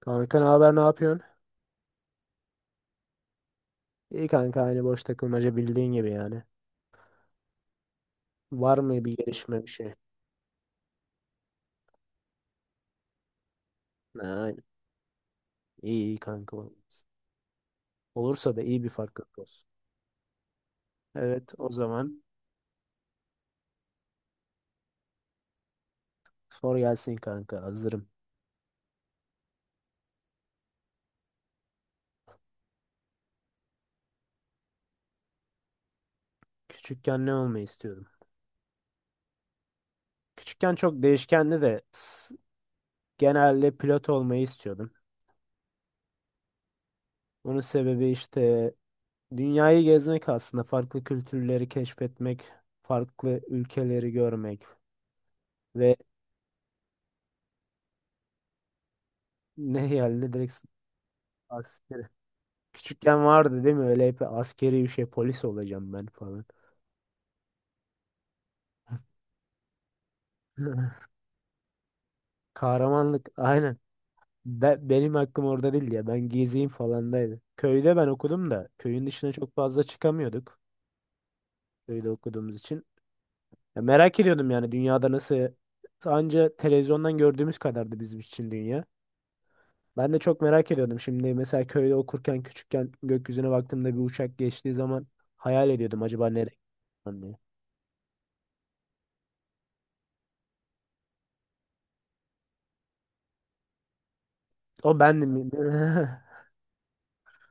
Kanka ne haber, ne yapıyorsun? İyi kanka, aynı boş takılmaca bildiğin gibi yani. Var mı bir gelişme bir şey? Ha, Aynen. İyi iyi kanka. Vallahi. Olursa da iyi bir farklılık olsun. Evet o zaman, sor gelsin kanka, hazırım. Küçükken ne olmayı istiyordum? Küçükken çok değişkenli de genelde pilot olmayı istiyordum. Bunun sebebi işte dünyayı gezmek aslında, farklı kültürleri keşfetmek, farklı ülkeleri görmek ve ne yani, ne direkt. Küçükken vardı değil mi? Öyle hep askeri bir şey, polis olacağım ben falan. Kahramanlık aynen. Benim aklım orada değildi ya. Ben gezeyim falandaydı. Köyde ben okudum da köyün dışına çok fazla çıkamıyorduk. Köyde okuduğumuz için. Ya merak ediyordum yani dünyada nasıl, anca televizyondan gördüğümüz kadardı bizim için dünya. Ben de çok merak ediyordum. Şimdi mesela köyde okurken küçükken gökyüzüne baktığımda bir uçak geçtiği zaman hayal ediyordum, acaba nereye gideceğim diye. O bendim.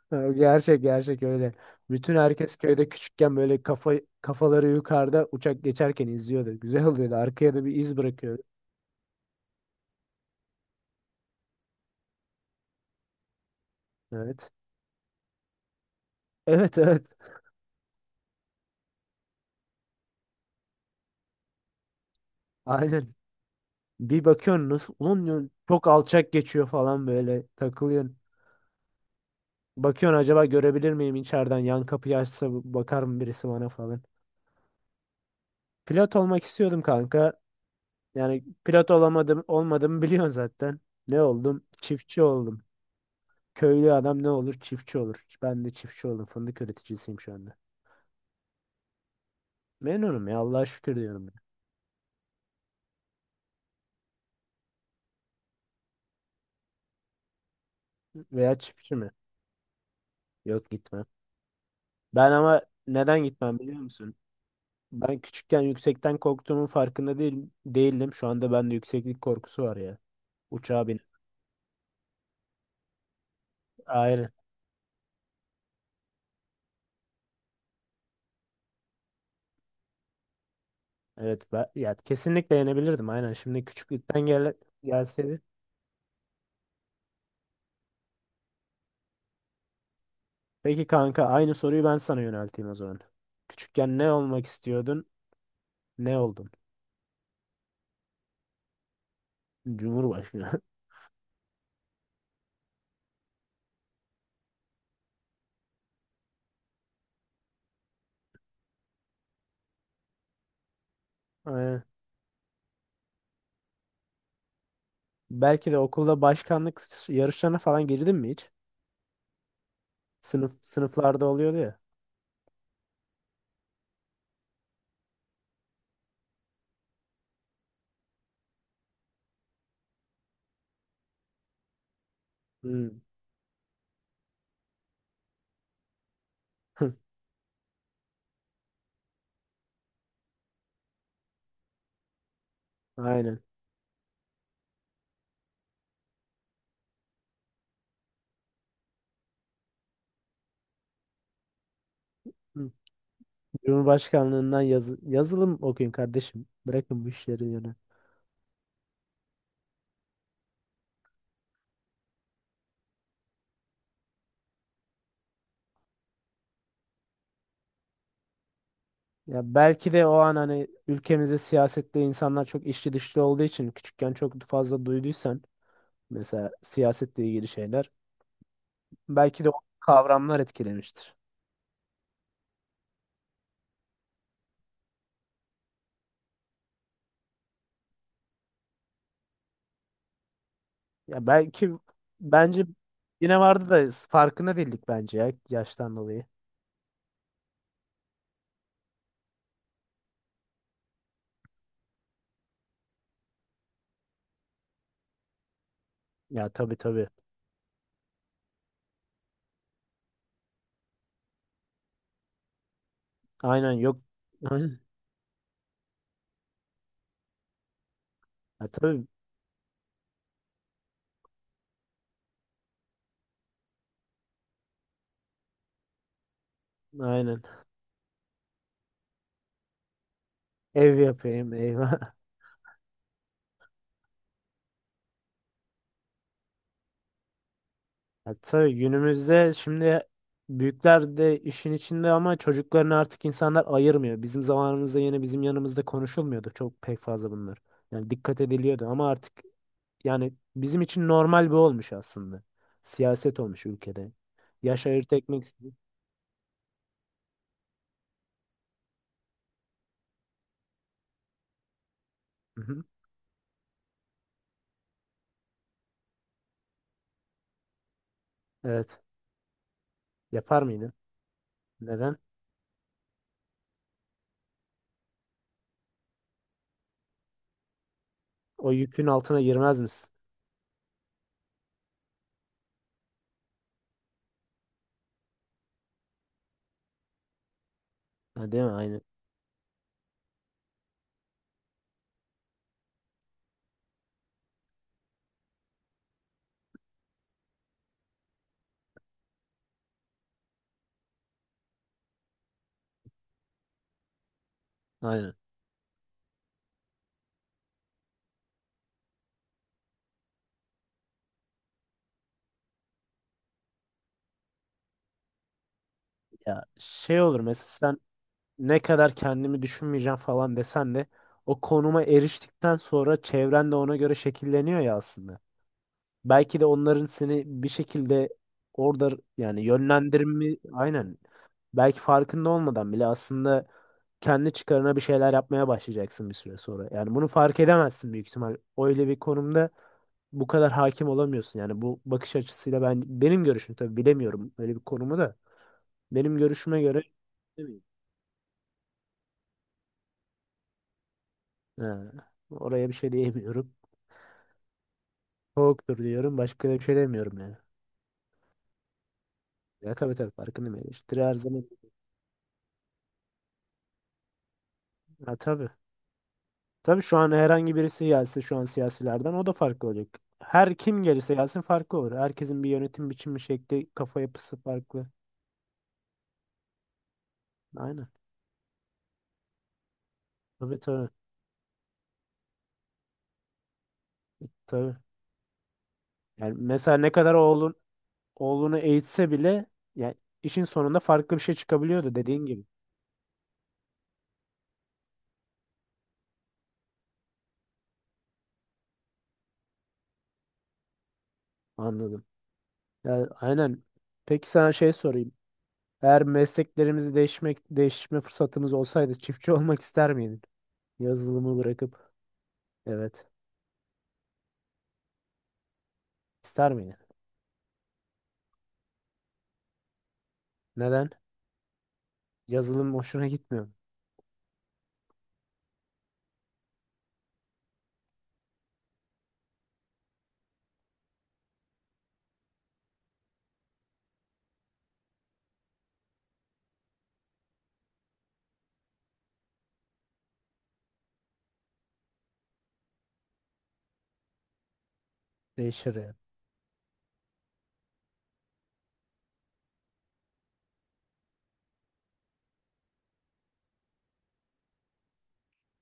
Ha, Gerçek gerçek öyle. Bütün herkes köyde küçükken böyle kafaları yukarıda uçak geçerken izliyordu. Güzel oluyordu. Arkaya da bir iz bırakıyordu. Evet. Evet, evet. Aynen. Bir bakıyorsun onun çok alçak geçiyor falan, böyle takılıyorsun. Bakıyorsun acaba görebilir miyim içeriden, yan kapıyı açsa bakar mı birisi bana falan. Pilot olmak istiyordum kanka. Yani pilot olamadım, olmadım, biliyorsun zaten. Ne oldum? Çiftçi oldum. Köylü adam ne olur? Çiftçi olur. Ben de çiftçi oldum. Fındık üreticisiyim şu anda. Memnunum ya. Allah'a şükür diyorum ya. Veya çiftçi mi? Yok, gitmem. Ben ama neden gitmem biliyor musun? Ben küçükken yüksekten korktuğumun farkında değil, değildim. Şu anda bende yükseklik korkusu var ya. Uçağa bin. Aynen. Evet. Ben, ya kesinlikle yenebilirdim. Aynen. Şimdi küçüklükten gel, gelseydi. Peki kanka, aynı soruyu ben sana yönelteyim o zaman. Küçükken ne olmak istiyordun? Ne oldun? Cumhurbaşkanı. Aynen. Belki de okulda başkanlık yarışlarına falan girdin mi hiç? Sınıf, sınıflarda oluyordu ya. Hmm. Aynen. Hı. Cumhurbaşkanlığından yazı, yazılım okuyun kardeşim. Bırakın bu işleri yönü. Ya belki de o an hani ülkemizde siyasette insanlar çok içli dışlı olduğu için küçükken çok fazla duyduysan mesela siyasetle ilgili şeyler, belki de o kavramlar etkilemiştir. Ya belki bence yine vardı da farkında değildik bence ya, yaştan dolayı. Ya tabii tabii. Aynen. Yok. Aynen. Ha, tabii aynen. Ev yapayım, eyvah. Ha, tabii günümüzde şimdi büyükler de işin içinde ama çocuklarını artık insanlar ayırmıyor. Bizim zamanımızda yine bizim yanımızda konuşulmuyordu çok pek fazla bunlar. Yani dikkat ediliyordu ama artık yani bizim için normal bir olmuş aslında. Siyaset olmuş ülkede. Yaş ayırt etmek istiyor. Hı hı. Evet. Yapar mıydın? Neden? O yükün altına girmez misin? Ha, değil mi? Aynen. Aynen. Ya şey olur mesela, ne kadar kendimi düşünmeyeceğim falan desen de o konuma eriştikten sonra çevren de ona göre şekilleniyor ya aslında. Belki de onların seni bir şekilde orada yani yönlendirme, aynen, belki farkında olmadan bile aslında kendi çıkarına bir şeyler yapmaya başlayacaksın bir süre sonra. Yani bunu fark edemezsin büyük ihtimal. Öyle bir konumda bu kadar hakim olamıyorsun. Yani bu bakış açısıyla, ben benim görüşüm, tabii bilemiyorum öyle bir konumu da. Benim görüşüme göre. Değil mi? He, oraya bir şey diyemiyorum. Soğuktur diyorum. Başka da bir şey demiyorum yani. Ya tabii tabii farkındayım. Eleştiri her zaman. Ha tabii. Tabii şu an herhangi birisi gelse şu an siyasilerden, o da farklı olacak. Her kim gelirse gelsin farklı olur. Herkesin bir yönetim biçimi, şekli, kafa yapısı farklı. Aynen. Tabii tabii. Tabii. Yani mesela ne kadar oğlunu eğitse bile yani işin sonunda farklı bir şey çıkabiliyordu dediğin gibi. Anladım. Yani aynen. Peki sana şey sorayım. Eğer mesleklerimizi değişmek, değişme fırsatımız olsaydı çiftçi olmak ister miydin? Yazılımı bırakıp, evet. İster miydin? Neden? Yazılım hoşuna gitmiyor mu? Değişir yani.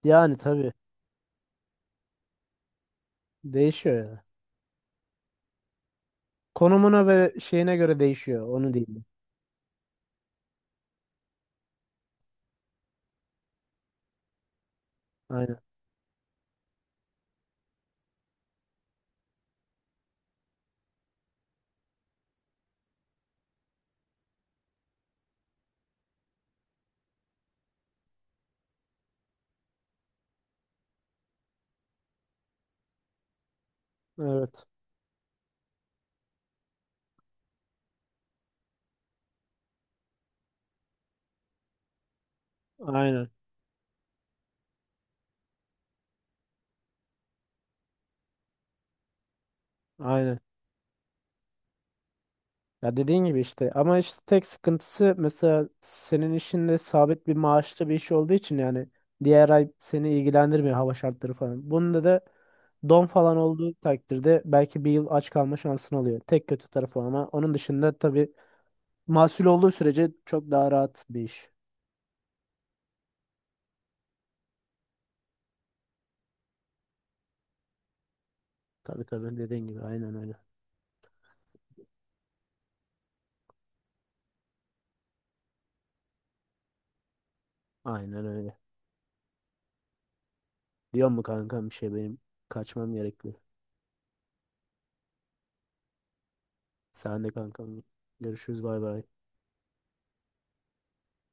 Yani tabii değişiyor yani. Konumuna ve şeyine göre değişiyor. Onu diyeyim. Aynen. Evet. Aynen. Aynen. Ya dediğin gibi işte, ama işte tek sıkıntısı mesela senin işinde sabit bir maaşlı bir iş olduğu için yani diğer ay seni ilgilendirmiyor, hava şartları falan. Bunda da don falan olduğu takdirde belki bir yıl aç kalma şansın oluyor. Tek kötü tarafı o, ama onun dışında tabii mahsul olduğu sürece çok daha rahat bir iş. Tabii tabii, dediğin gibi aynen öyle. Aynen öyle. Diyor mu kankam, bir şey benim, kaçmam gerekli. Sen de kankam. Görüşürüz, bay bay.